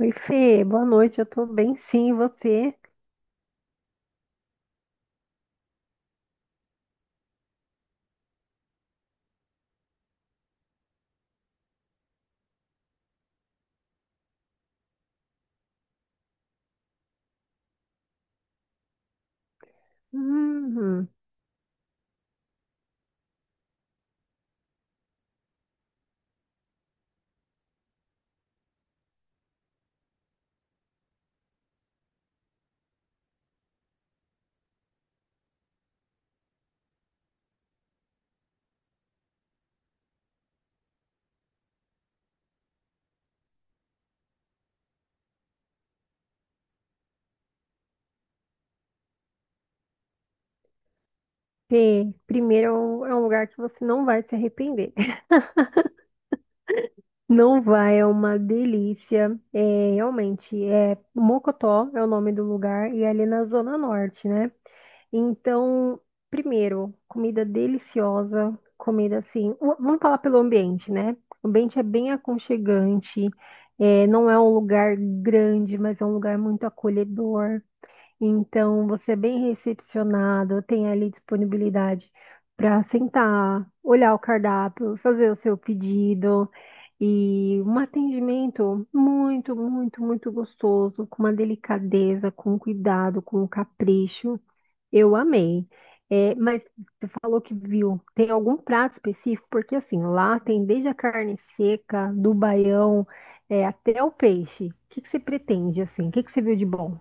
Oi, Fê, boa noite. Eu tô bem, sim, e você? Hum, Fê, primeiro é um lugar que você não vai se arrepender. Não vai, é uma delícia. É, realmente, é, Mocotó é o nome do lugar e é ali na Zona Norte, né? Então, primeiro, comida deliciosa, comida assim, vamos falar pelo ambiente, né? O ambiente é bem aconchegante, é, não é um lugar grande, mas é um lugar muito acolhedor. Então, você é bem recepcionado, tem ali disponibilidade para sentar, olhar o cardápio, fazer o seu pedido, e um atendimento muito, muito, muito gostoso, com uma delicadeza, com um cuidado, com um capricho. Eu amei. É, mas você falou que viu, tem algum prato específico? Porque assim, lá tem desde a carne seca, do baião, é, até o peixe. O que que você pretende assim? O que que você viu de bom?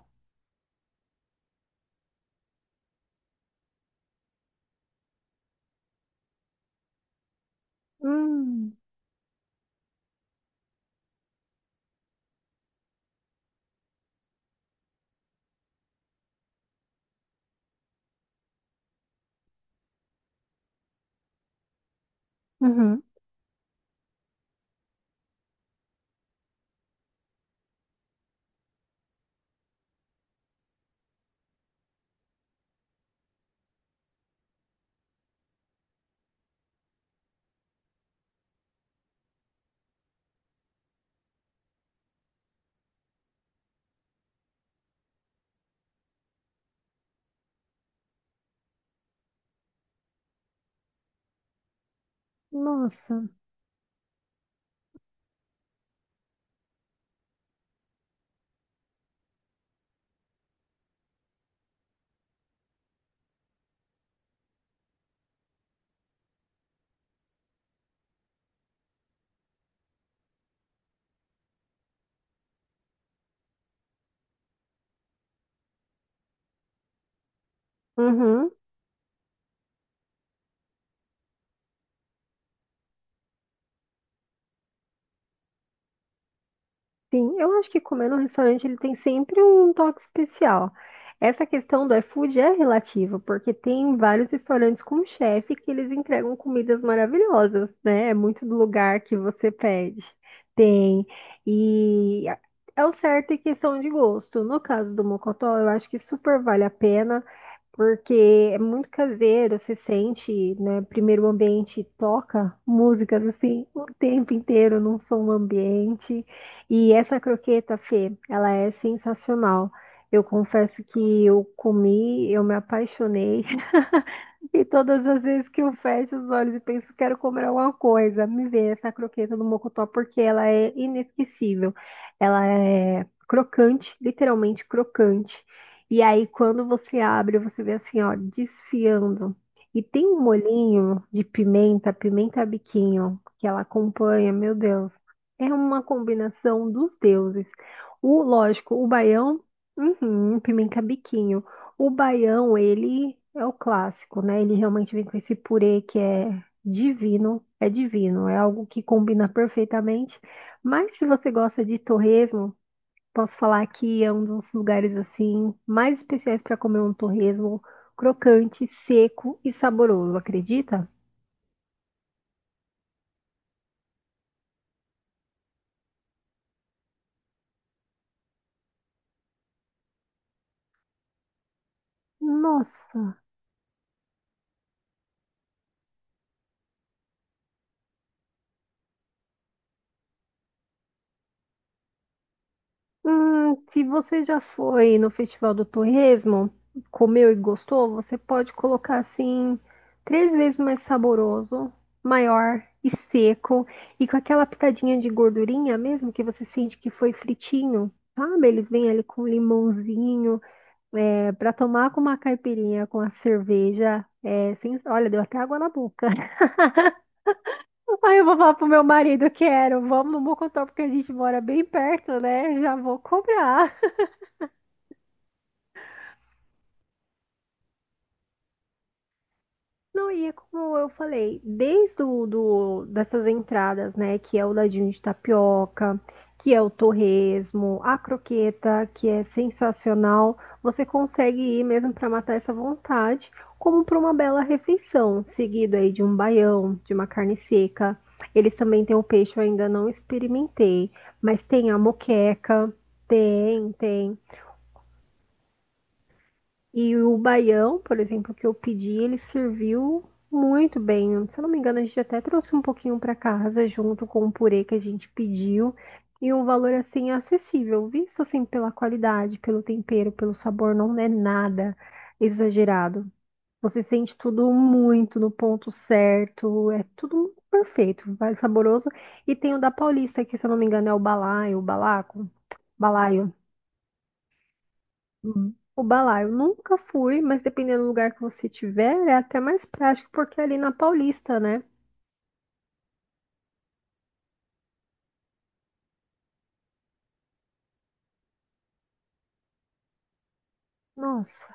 Hum. Uhum. Nossa. Uhum. Sim, eu acho que comer no restaurante ele tem sempre um toque especial. Essa questão do iFood é relativa, porque tem vários restaurantes com chefe que eles entregam comidas maravilhosas, né? É muito do lugar que você pede. Tem. E é o certo em questão de gosto. No caso do Mocotó, eu acho que super vale a pena, porque é muito caseiro, você sente, né? Primeiro o ambiente toca músicas assim o tempo inteiro num som ambiente. E essa croqueta, Fê, ela é sensacional. Eu confesso que eu comi, eu me apaixonei. E todas as vezes que eu fecho os olhos e penso, quero comer alguma coisa, me vem essa croqueta do mocotó porque ela é inesquecível. Ela é crocante, literalmente crocante. E aí, quando você abre, você vê assim, ó, desfiando. E tem um molhinho de pimenta, pimenta a biquinho, que ela acompanha, meu Deus. É uma combinação dos deuses. O, lógico, o baião, uhum, pimenta a biquinho. O baião, ele é o clássico, né? Ele realmente vem com esse purê que é divino, é divino, é algo que combina perfeitamente. Mas se você gosta de torresmo, posso falar que é um dos lugares assim mais especiais para comer um torresmo crocante, seco e saboroso, acredita? Nossa! Se você já foi no Festival do Torresmo, comeu e gostou, você pode colocar assim três vezes mais saboroso, maior e seco, e com aquela pitadinha de gordurinha mesmo que você sente que foi fritinho, sabe? Eles vêm ali com limãozinho, é, para tomar com uma caipirinha, com a cerveja. É, olha, deu até água na boca. Aí eu vou falar pro meu marido, quero, vamos no Mocotó, porque a gente mora bem perto, né? Já vou comprar. Não, e é como eu falei, desde dessas entradas, né, que é o ladinho de tapioca, que é o torresmo, a croqueta, que é sensacional, você consegue ir mesmo para matar essa vontade, como para uma bela refeição, seguido aí de um baião, de uma carne seca. Eles também têm o peixe, eu ainda não experimentei, mas tem a moqueca, tem, tem. E o baião, por exemplo, que eu pedi, ele serviu muito bem. Se eu não me engano, a gente até trouxe um pouquinho para casa junto com o purê que a gente pediu. E um valor assim acessível, visto assim pela qualidade, pelo tempero, pelo sabor, não é nada exagerado. Você sente tudo muito no ponto certo, é tudo perfeito, vai saboroso. E tem o da Paulista, que se eu não me engano é o balaio, o balaco, balaio. Hum, o balaio eu nunca fui, mas dependendo do lugar que você tiver, é até mais prático, porque é ali na Paulista, né? Nossa,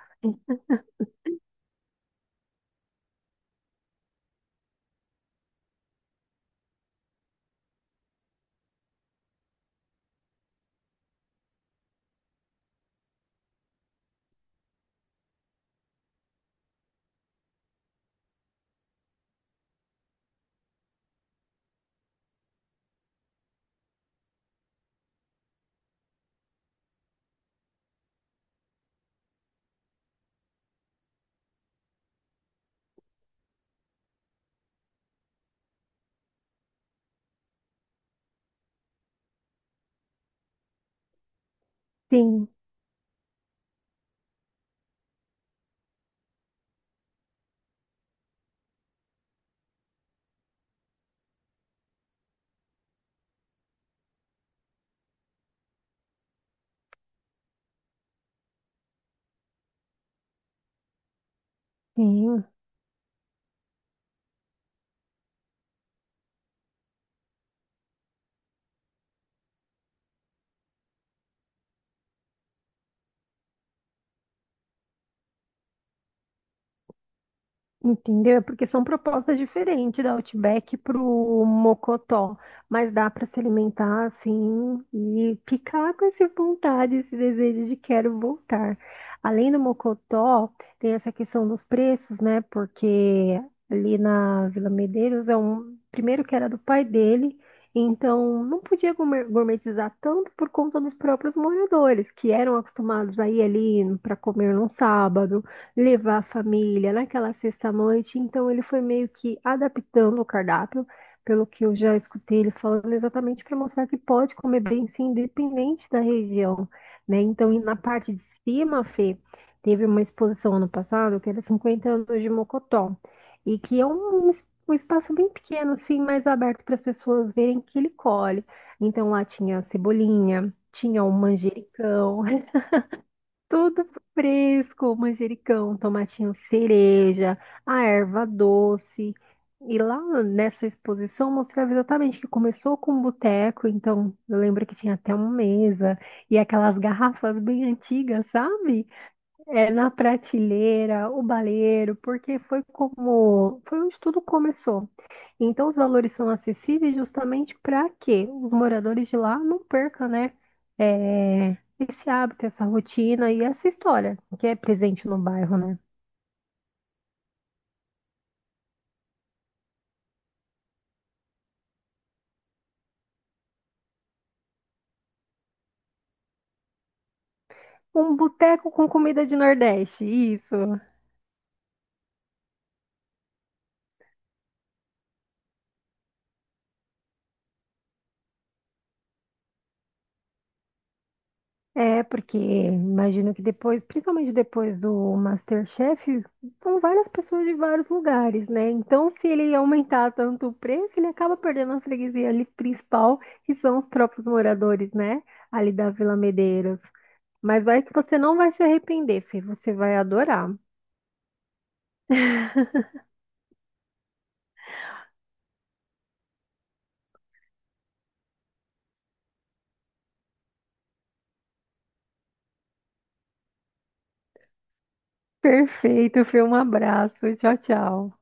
sim, sim. Entendeu? É. Porque são propostas diferentes da Outback pro Mocotó, mas dá para se alimentar assim e ficar com essa vontade, esse desejo de quero voltar. Além do Mocotó, tem essa questão dos preços, né? Porque ali na Vila Medeiros é um primeiro que era do pai dele, então não podia gourmetizar tanto por conta dos próprios moradores, que eram acostumados a ir ali para comer num sábado, levar a família naquela sexta-noite. Então, ele foi meio que adaptando o cardápio, pelo que eu já escutei ele falando, exatamente para mostrar que pode comer bem, sim, independente da região, né? Então, e na parte de cima, Fê, teve uma exposição ano passado que era 50 anos de Mocotó, e que é um espaço bem pequeno, assim, mais aberto para as pessoas verem que ele colhe. Então, lá tinha cebolinha. Tinha o manjericão, tudo fresco, manjericão, tomatinho cereja, a erva doce. E lá nessa exposição mostrava exatamente que começou com um boteco, então eu lembro que tinha até uma mesa e aquelas garrafas bem antigas, sabe? É, na prateleira, o baleiro, porque foi como, foi onde tudo começou. Então, os valores são acessíveis justamente para que os moradores de lá não percam, né, é, esse hábito, essa rotina e essa história que é presente no bairro, né? Um boteco com comida de Nordeste, isso. É, porque imagino que depois, principalmente depois do MasterChef, são várias pessoas de vários lugares, né? Então, se ele aumentar tanto o preço, ele acaba perdendo a freguesia ali principal, que são os próprios moradores, né? Ali da Vila Medeiros. Mas vai que você não vai se arrepender, Fê. Você vai adorar. Perfeito, Fê. Um abraço. Tchau, tchau.